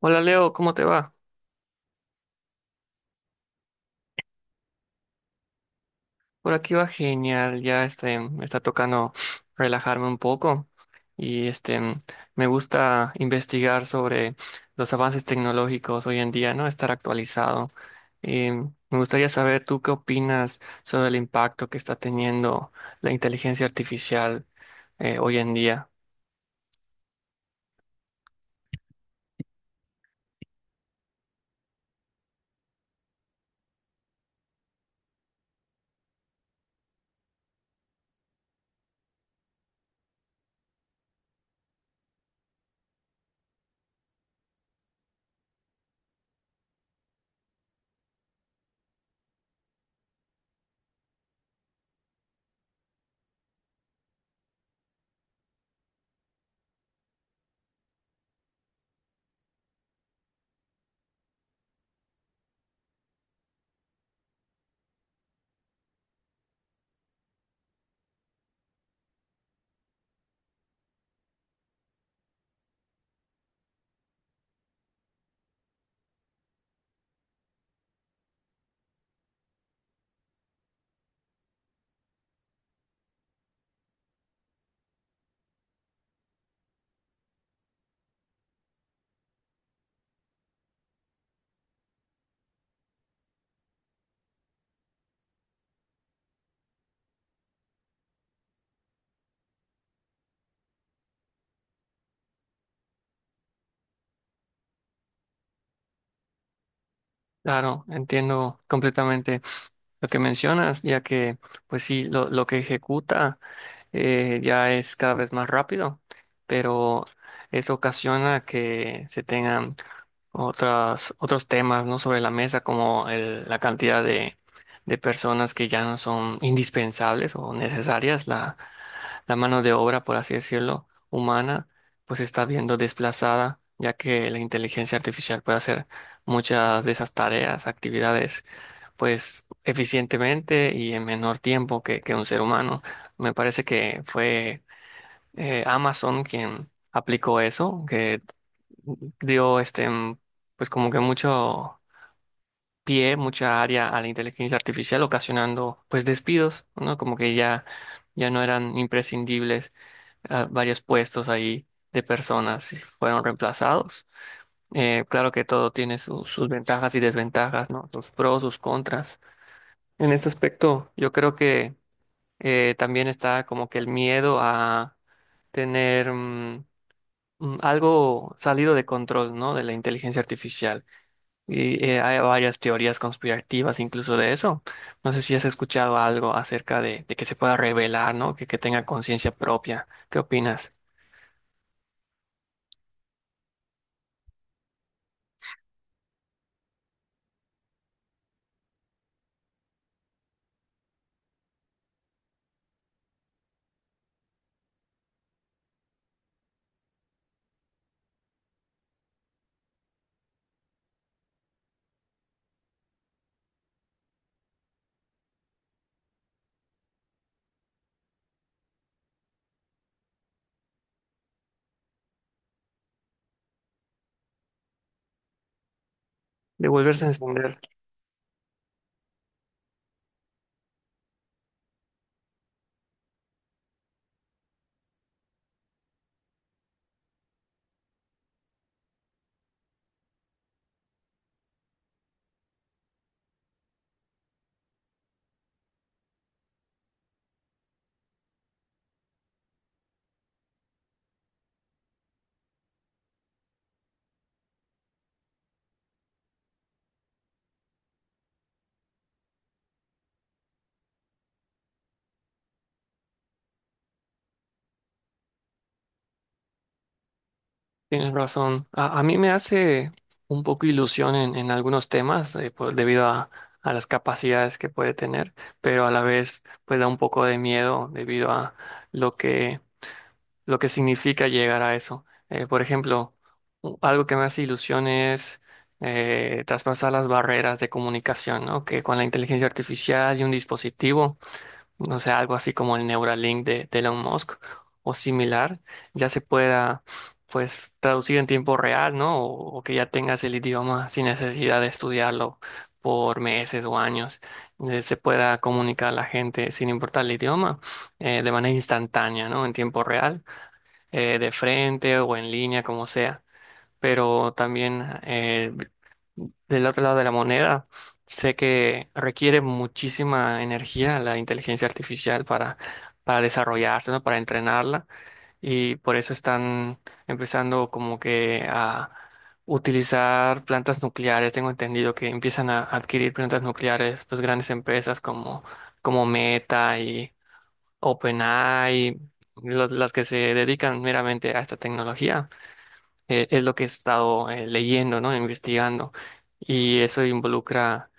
Hola Leo, ¿cómo te va? Por aquí va genial, me está tocando relajarme un poco y este, me gusta investigar sobre los avances tecnológicos hoy en día, ¿no? Estar actualizado. Y me gustaría saber tú qué opinas sobre el impacto que está teniendo la inteligencia artificial hoy en día. Claro, entiendo completamente lo que mencionas, ya que pues sí, lo que ejecuta. Ya es cada vez más rápido, pero eso ocasiona que se tengan otras, otros temas, ¿no? Sobre la mesa, como la cantidad de personas que ya no son indispensables o necesarias, la mano de obra, por así decirlo, humana, pues se está viendo desplazada, ya que la inteligencia artificial puede hacer muchas de esas tareas, actividades, pues eficientemente y en menor tiempo que un ser humano. Me parece que fue Amazon quien aplicó eso, que dio pues como que mucho pie, mucha área a la inteligencia artificial, ocasionando pues despidos, ¿no? Como que ya no eran imprescindibles varios puestos ahí de personas y fueron reemplazados. Claro que todo tiene sus ventajas y desventajas, ¿no? Sus pros, sus contras. En este aspecto, yo creo que también está como que el miedo a tener algo salido de control, ¿no? De la inteligencia artificial. Y hay varias teorías conspirativas incluso de eso. No sé si has escuchado algo acerca de que se pueda revelar, ¿no? Que tenga conciencia propia. ¿Qué opinas? De volverse a encender. Tienes razón. A mí me hace un poco ilusión en algunos temas debido a las capacidades que puede tener, pero a la vez pues da un poco de miedo debido a lo que, lo que significa llegar a eso. Por ejemplo, algo que me hace ilusión es traspasar las barreras de comunicación, ¿no? Que con la inteligencia artificial y un dispositivo no sé, algo así como el Neuralink de Elon Musk o similar, ya se pueda pues traducir en tiempo real, ¿no? O que ya tengas el idioma sin necesidad de estudiarlo por meses o años, se pueda comunicar a la gente sin importar el idioma de manera instantánea, ¿no? En tiempo real, de frente o en línea, como sea. Pero también del otro lado de la moneda, sé que requiere muchísima energía la inteligencia artificial para desarrollarse, ¿no? Para entrenarla y por eso están empezando como que a utilizar plantas nucleares. Tengo entendido que empiezan a adquirir plantas nucleares, pues grandes empresas como Meta y OpenAI, las que se dedican meramente a esta tecnología, es lo que he estado leyendo, ¿no? Investigando. Y eso involucra,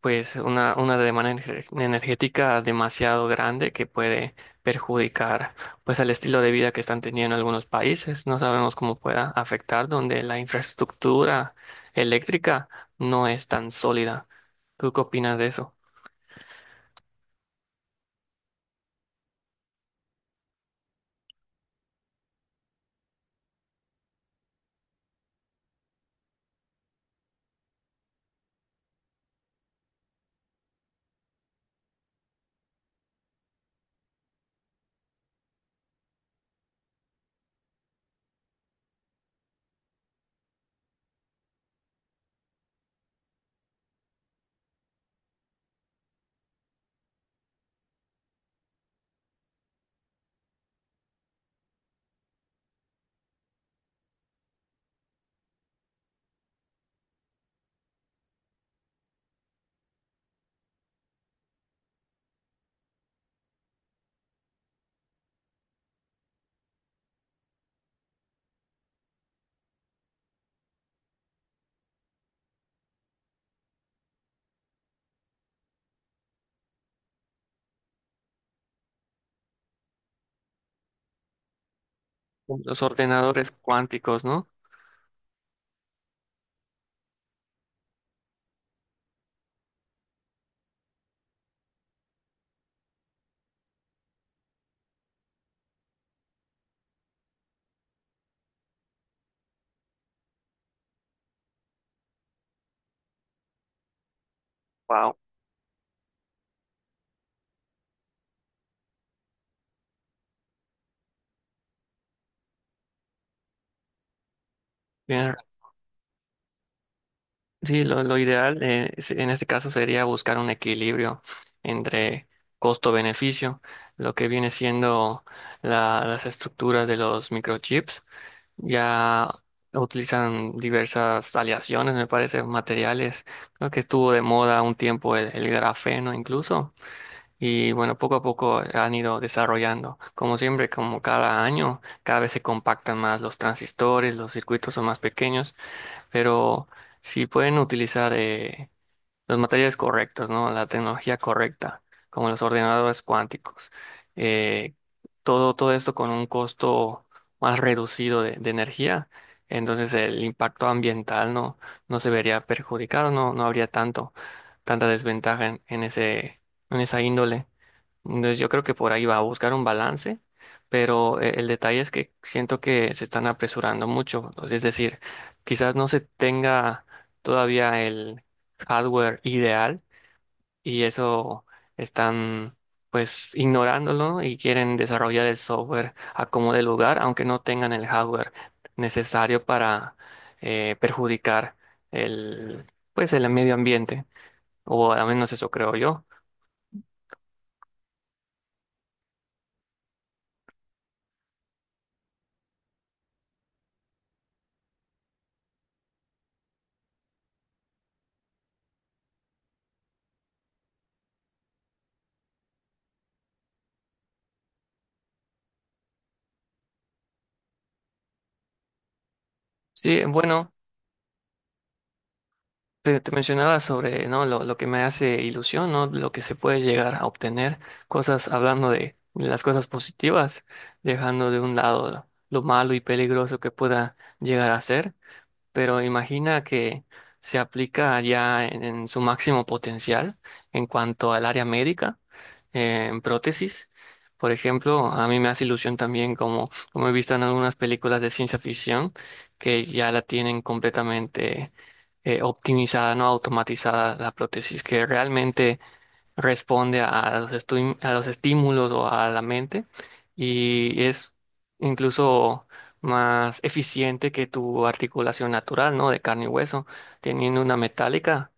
pues, una demanda energética demasiado grande que puede perjudicar, pues, al estilo de vida que están teniendo algunos países. No sabemos cómo pueda afectar donde la infraestructura eléctrica no es tan sólida. ¿Tú qué opinas de eso? Los ordenadores cuánticos, ¿no? Wow. Sí, lo ideal en este caso sería buscar un equilibrio entre costo-beneficio, lo que viene siendo las estructuras de los microchips. Ya utilizan diversas aleaciones, me parece, materiales. Creo que estuvo de moda un tiempo el grafeno incluso. Y bueno, poco a poco han ido desarrollando. Como siempre, como cada año, cada vez se compactan más los transistores, los circuitos son más pequeños, pero si pueden utilizar los materiales correctos, ¿no? La tecnología correcta, como los ordenadores cuánticos. Eh, todo, todo esto con un costo más reducido de energía, entonces el impacto ambiental no se vería perjudicado, no habría tanta desventaja en en esa índole. Entonces yo creo que por ahí va a buscar un balance, pero el detalle es que siento que se están apresurando mucho. Entonces, es decir, quizás no se tenga todavía el hardware ideal y eso están pues ignorándolo y quieren desarrollar el software a como de lugar, aunque no tengan el hardware necesario para perjudicar el pues el medio ambiente, o al menos eso creo yo. Sí, bueno. Te mencionaba sobre, ¿no? Lo que me hace ilusión, ¿no? Lo que se puede llegar a obtener, cosas hablando de las cosas positivas, dejando de un lado lo malo y peligroso que pueda llegar a ser, pero imagina que se aplica ya en su máximo potencial en cuanto al área médica, en prótesis. Por ejemplo, a mí me hace ilusión también como he visto en algunas películas de ciencia ficción que ya la tienen completamente optimizada, no automatizada la prótesis, que realmente responde a los, a los estímulos o a la mente y es incluso más eficiente que tu articulación natural, ¿no? De carne y hueso, teniendo una metálica,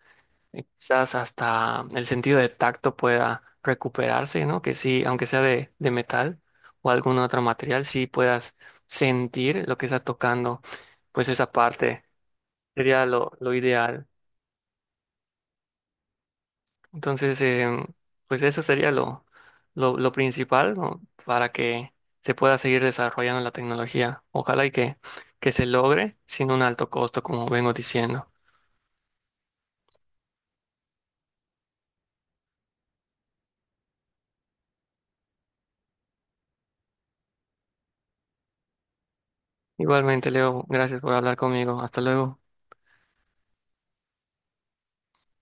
quizás hasta el sentido de tacto pueda recuperarse, ¿no? Que sí, aunque sea de metal o algún otro material, sí puedas sentir lo que estás tocando, pues esa parte sería lo ideal. Entonces, pues eso sería lo principal, ¿no? Para que se pueda seguir desarrollando la tecnología. Ojalá y que se logre sin un alto costo, como vengo diciendo. Igualmente, Leo, gracias por hablar conmigo. Hasta luego.